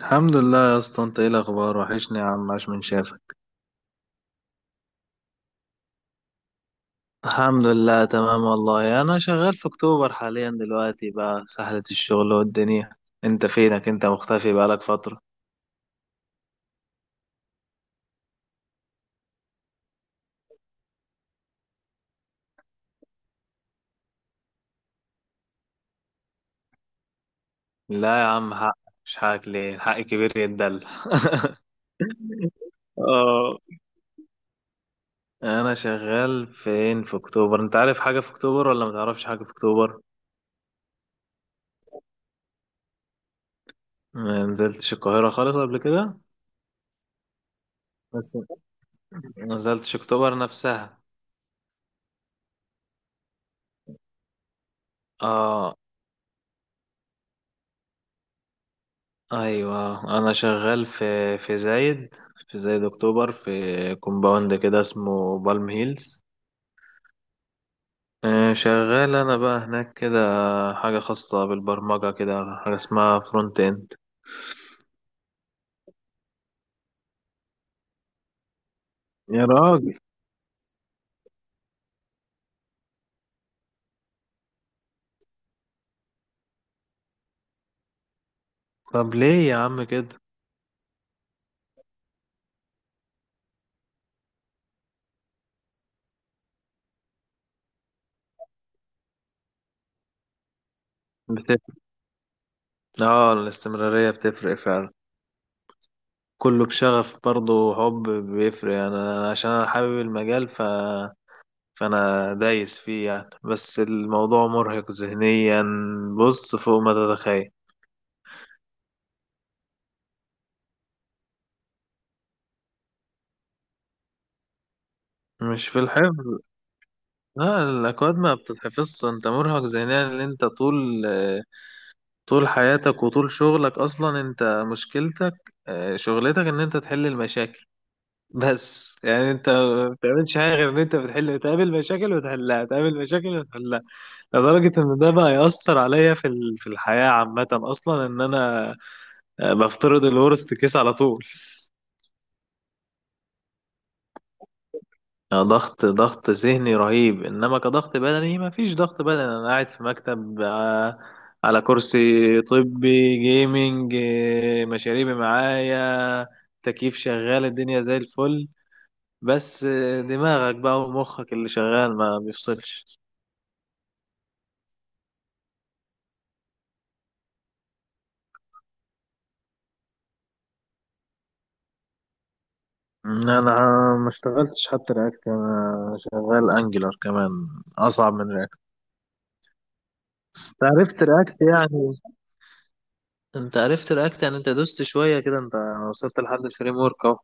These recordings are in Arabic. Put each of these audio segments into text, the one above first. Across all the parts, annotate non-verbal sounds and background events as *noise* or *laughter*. الحمد لله يا اسطى، انت ايه الاخبار؟ وحشني يا عم، عاش من شافك. الحمد لله تمام والله، انا شغال في اكتوبر حاليا دلوقتي، بقى سحلة الشغل والدنيا. انت فينك؟ انت مختفي بقالك فترة. لا يا عم حق، مش حقك؟ ليه؟ الحق كبير يتدل. اه، انا شغال فين في اكتوبر؟ انت عارف حاجة في اكتوبر ولا متعرفش حاجة في اكتوبر؟ ما نزلتش القاهرة خالص قبل كده؟ بس ما نزلتش اكتوبر نفسها. اه. ايوه، انا شغال في زايد، في زايد اكتوبر، في كومباوند كده اسمه بالم هيلز. شغال انا بقى هناك كده، حاجه خاصه بالبرمجه كده، حاجه اسمها فرونت اند. يا راجل. طب ليه يا عم كده؟ بتفرق. اه الاستمراريه بتفرق فعلا، كله بشغف برضه، حب بيفرق. انا عشان انا حابب المجال، فانا دايس فيه يعني، بس الموضوع مرهق ذهنيا بص فوق ما تتخيل. مش في الحفظ، لا الأكواد ما بتتحفظش. أنت مرهق ذهنيا إن أنت طول حياتك وطول شغلك أصلا، أنت مشكلتك، شغلتك إن أنت تحل المشاكل. بس يعني أنت ما بتعملش حاجة غير إن أنت بتحل، تقابل مشاكل وتحلها، تقابل مشاكل وتحلها. لدرجة إن ده بقى يأثر عليا في في الحياة عامة أصلا، إن أنا بفترض الورست كيس على طول. ضغط ذهني رهيب، انما كضغط بدني ما فيش ضغط بدني، انا قاعد في مكتب، على كرسي طبي جيمنج، مشاريبي معايا، تكييف شغال، الدنيا زي الفل، بس دماغك بقى ومخك اللي شغال ما بيفصلش. انا ما اشتغلتش حتى رياكت، انا شغال انجلر كمان، اصعب من رياكت. بس انت عرفت رياكت يعني، انت عرفت رياكت يعني، انت دوست شويه كده، انت وصلت لحد الفريم ورك اهو.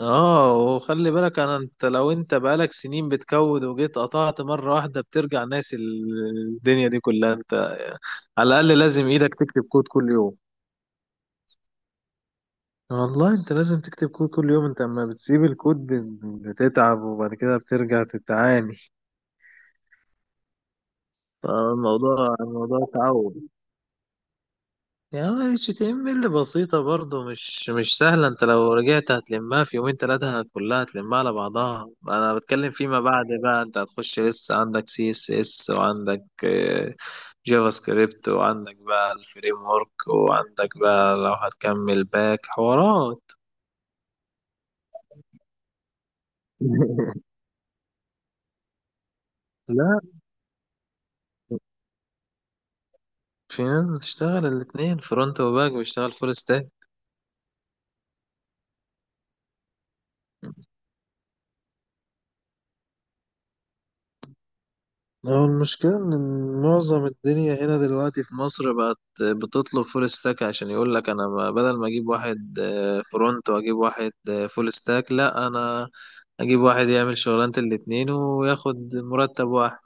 اه، وخلي بالك انت لو انت بقالك سنين بتكود وجيت قطعت مرة واحدة بترجع ناسي الدنيا دي كلها، انت على الاقل لازم ايدك تكتب كود كل يوم. والله انت لازم تكتب كود كل يوم، انت اما بتسيب الكود بتتعب وبعد كده بترجع تتعاني. فالموضوع تعود يعني. HTML بسيطة برضو، مش سهلة. انت لو رجعت هتلمها في يومين تلاتة كلها، هتلمها على بعضها. انا بتكلم فيما بعد بقى، انت هتخش لسه عندك CSS، وعندك جافا سكريبت، وعندك بقى الفريم ورك، وعندك بقى لو هتكمل باك حوارات. *laughs* لا، في ناس بتشتغل الاتنين فرونت وباك، بيشتغل فول ستاك. هو المشكلة إن معظم الدنيا هنا دلوقتي في مصر بقت بتطلب فول ستاك، عشان يقول لك أنا، بدل ما أجيب واحد فرونت وأجيب واحد فول ستاك، لأ، أنا أجيب واحد يعمل شغلانة الاتنين وياخد مرتب واحد.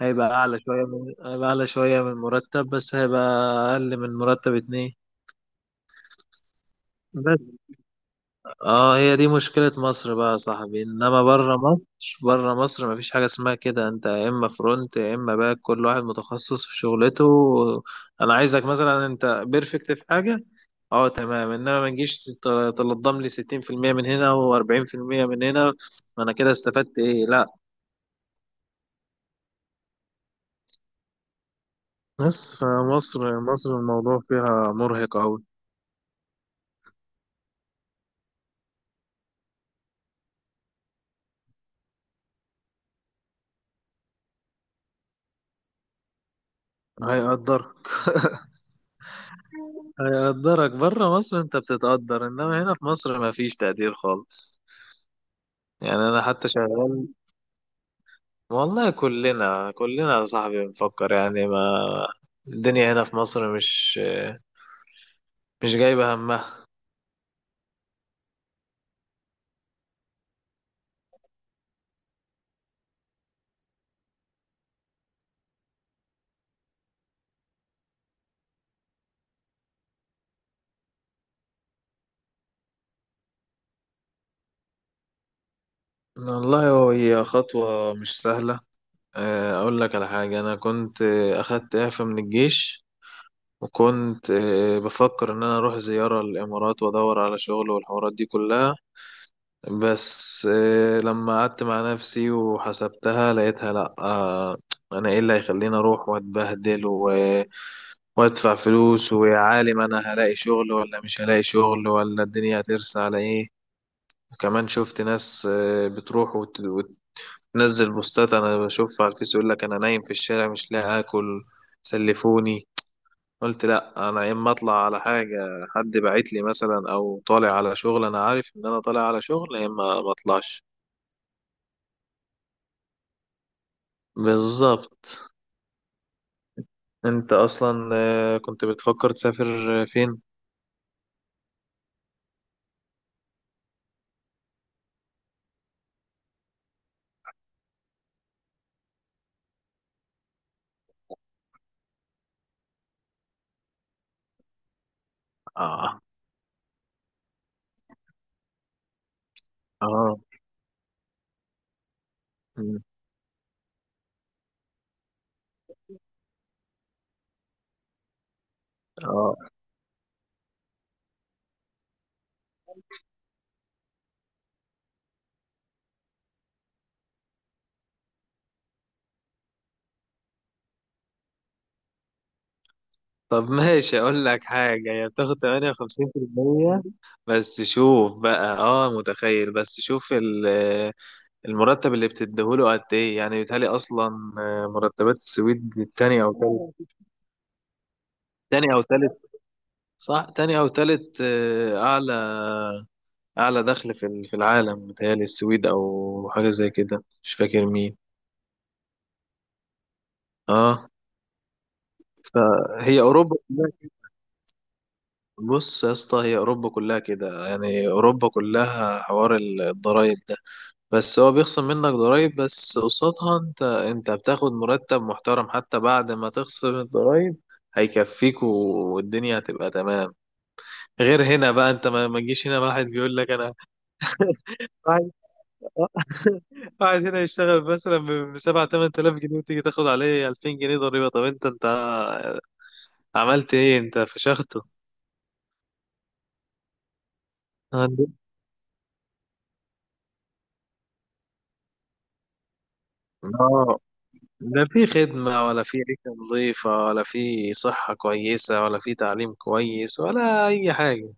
هيبقى أعلى شوية من، هيبقى أعلى شوية من مرتب، بس هيبقى أقل من مرتب اتنين. اه، هي دي مشكلة مصر بقى يا صاحبي، انما بره مصر، بره مصر مفيش حاجة اسمها كده. انت يا اما فرونت يا اما باك، كل واحد متخصص في شغلته. انا عايزك مثلا انت بيرفكت في حاجة، اه تمام، انما ما تجيش تلضم لي 60% من هنا و40% من هنا، ما انا كده استفدت ايه؟ لا. بس فمصر، مصر الموضوع فيها مرهق اوي. هيقدرك، هيقدرك بره مصر. انت بتتقدر، انما هنا في مصر مفيش تقدير خالص. يعني انا حتى شغال، والله كلنا يا صاحبي بنفكر يعني. ما الدنيا هنا في مصر مش جايبة همها. والله هو هي خطوة مش سهلة. أقول لك على حاجة، أنا كنت أخدت إعفاء من الجيش، وكنت بفكر إن أنا أروح زيارة للإمارات وأدور على شغل والحوارات دي كلها. بس لما قعدت مع نفسي وحسبتها لقيتها لأ. أنا إيه اللي هيخليني أروح وأتبهدل وادفع فلوس ويا عالم انا هلاقي شغل ولا مش هلاقي شغل، ولا الدنيا هترسى على ايه. وكمان شفت ناس بتروح وتنزل بوستات، انا بشوفها على الفيس، يقول لك انا نايم في الشارع مش لاقي اكل، سلفوني. قلت لا، انا يا اما اطلع على حاجه حد باعت لي مثلا، او طالع على شغل انا عارف ان انا طالع على شغل، يا اما ما اطلعش. بالظبط. انت اصلا كنت بتفكر تسافر فين؟ اه. اه. مم. اه. طب ماشي، اقول لك حاجة، هي بتاخد 58%، بس شوف بقى. اه، متخيل، بس شوف المرتب اللي بتديهوله قد ايه. يعني بيتهيألي اصلا مرتبات السويد تاني او تالت. تاني او تالت. صح، تاني او تالت، اعلى، اعلى دخل في في العالم بيتهيألي السويد، او حاجة زي كده مش فاكر مين. اه، فهي اوروبا كلها. بص يا اسطى، هي اوروبا كلها كده يعني، اوروبا كلها حوار الضرايب، بس هو بيخصم منك ضرايب بس قصادها انت بتاخد مرتب محترم، حتى بعد ما تخصم الضرايب هيكفيك، والدنيا هتبقى تمام. غير هنا بقى، انت ما تجيش هنا واحد بيقول لك انا. *laughs* واحد، واحد هنا يشتغل مثلا ب 7 8000 جنيه، وتيجي تاخد عليه 2000 جنيه ضريبة، طب انت عملت ايه؟ انت فشخته. عند- اه، لا في خدمة، ولا في عيشة نظيفة، ولا في صحة كويسة، ولا في تعليم كويس، ولا أي حاجة.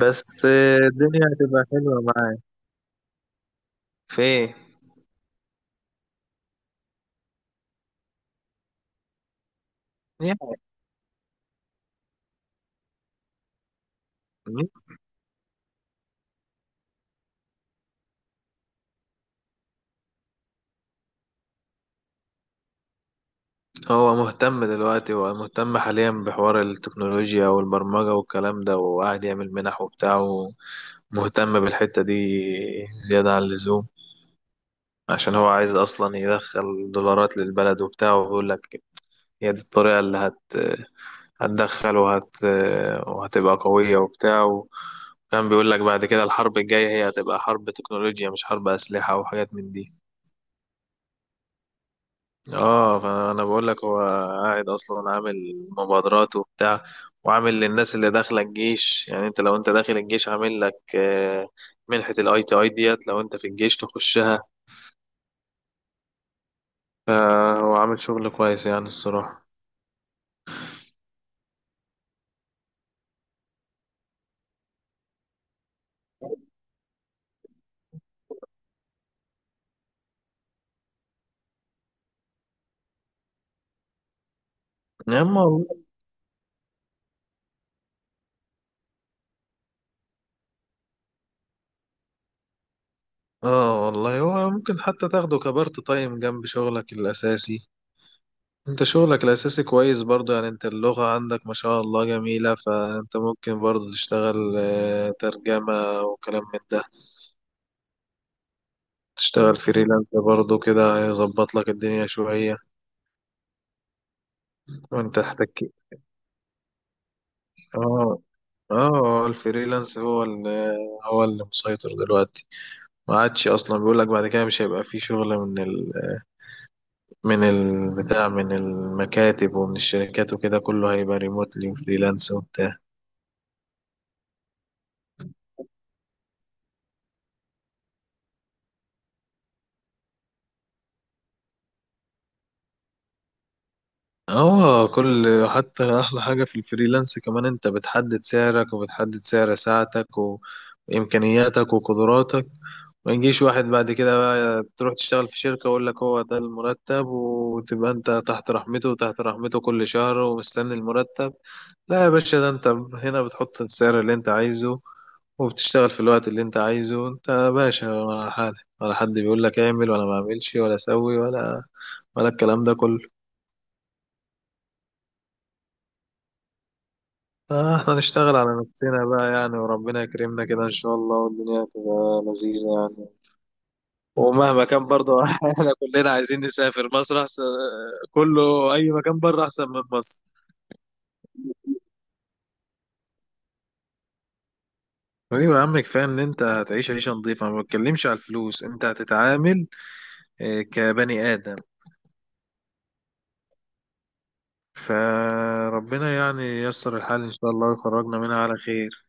بس. الدنيا هتبقى حلوة معاك. في ايه؟ يعني هو مهتم حاليا بحوار التكنولوجيا والبرمجة والكلام ده، وقاعد يعمل منح وبتاع، ومهتم بالحتة دي زيادة عن اللزوم، عشان هو عايز أصلا يدخل دولارات للبلد وبتاع، وبيقول لك هي دي الطريقة اللي هتدخل وهتبقى قوية وبتاع. وكان بيقول لك بعد كده الحرب الجاية هي هتبقى حرب تكنولوجيا، مش حرب أسلحة وحاجات من دي. اه، فانا بقول لك هو قاعد اصلا عامل مبادرات وبتاع، وعامل للناس اللي داخله الجيش. يعني انت لو انت داخل الجيش عامل لك منحة الاي تي اي ديت لو انت في الجيش تخشها. فهو عامل شغل كويس يعني الصراحة. يا اما والله. اه، والله هو ممكن حتى تاخده كبارت تايم جنب شغلك الاساسي، انت شغلك الاساسي كويس برضو يعني، انت اللغة عندك ما شاء الله جميلة، فانت ممكن برضو تشتغل ترجمة وكلام من ده، تشتغل فريلانس برضه كده، هيظبط لك الدنيا شوية. وانت تحتك. اه. اه الفريلانس هو اللي مسيطر دلوقتي. ما عادش اصلا، بيقول لك بعد كده مش هيبقى فيه شغل من من البتاع، من المكاتب ومن الشركات، وكده كله هيبقى ريموتلي وفريلانس وبتاع. اه، كل، حتى احلى حاجة في الفريلانس كمان، انت بتحدد سعرك، وبتحدد سعر ساعتك وامكانياتك وقدراتك، ما يجيش واحد بعد كده بقى تروح تشتغل في شركة ويقول لك هو ده المرتب، وتبقى انت تحت رحمته وتحت رحمته كل شهر ومستني المرتب. لا يا باشا، ده انت هنا بتحط السعر اللي انت عايزه، وبتشتغل في الوقت اللي انت عايزه، انت باشا على حالك، ولا حد بيقول لك اعمل ولا ما اعملش ولا سوي، ولا الكلام ده كله. احنا نشتغل على نفسنا بقى يعني، وربنا يكرمنا كده ان شاء الله، والدنيا تبقى لذيذة يعني. ومهما كان برضه *laughs* احنا كلنا عايزين نسافر، مصر احسن، كله اي مكان بره احسن من مصر. ايوه يا عم، كفايه ان انت هتعيش عيشه نظيفه، ما بتكلمش على الفلوس، انت هتتعامل كبني ادم. فربنا يعني ييسر الحال ان شاء الله، ويخرجنا منها على خير.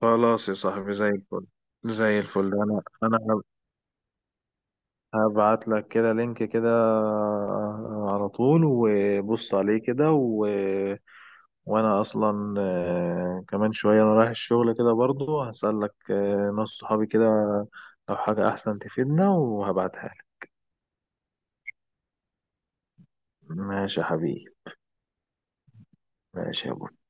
خلاص يا صاحبي زي الفل. زي الفل، انا هبعت لك كده لينك كده على طول، وبص عليه كده وانا اصلا كمان شوية انا رايح الشغل كده برضو، هسألك ناس صحابي كده لو حاجة احسن تفيدنا وهبعتها لك. ماشي يا حبيبي. ماشي يا بابا.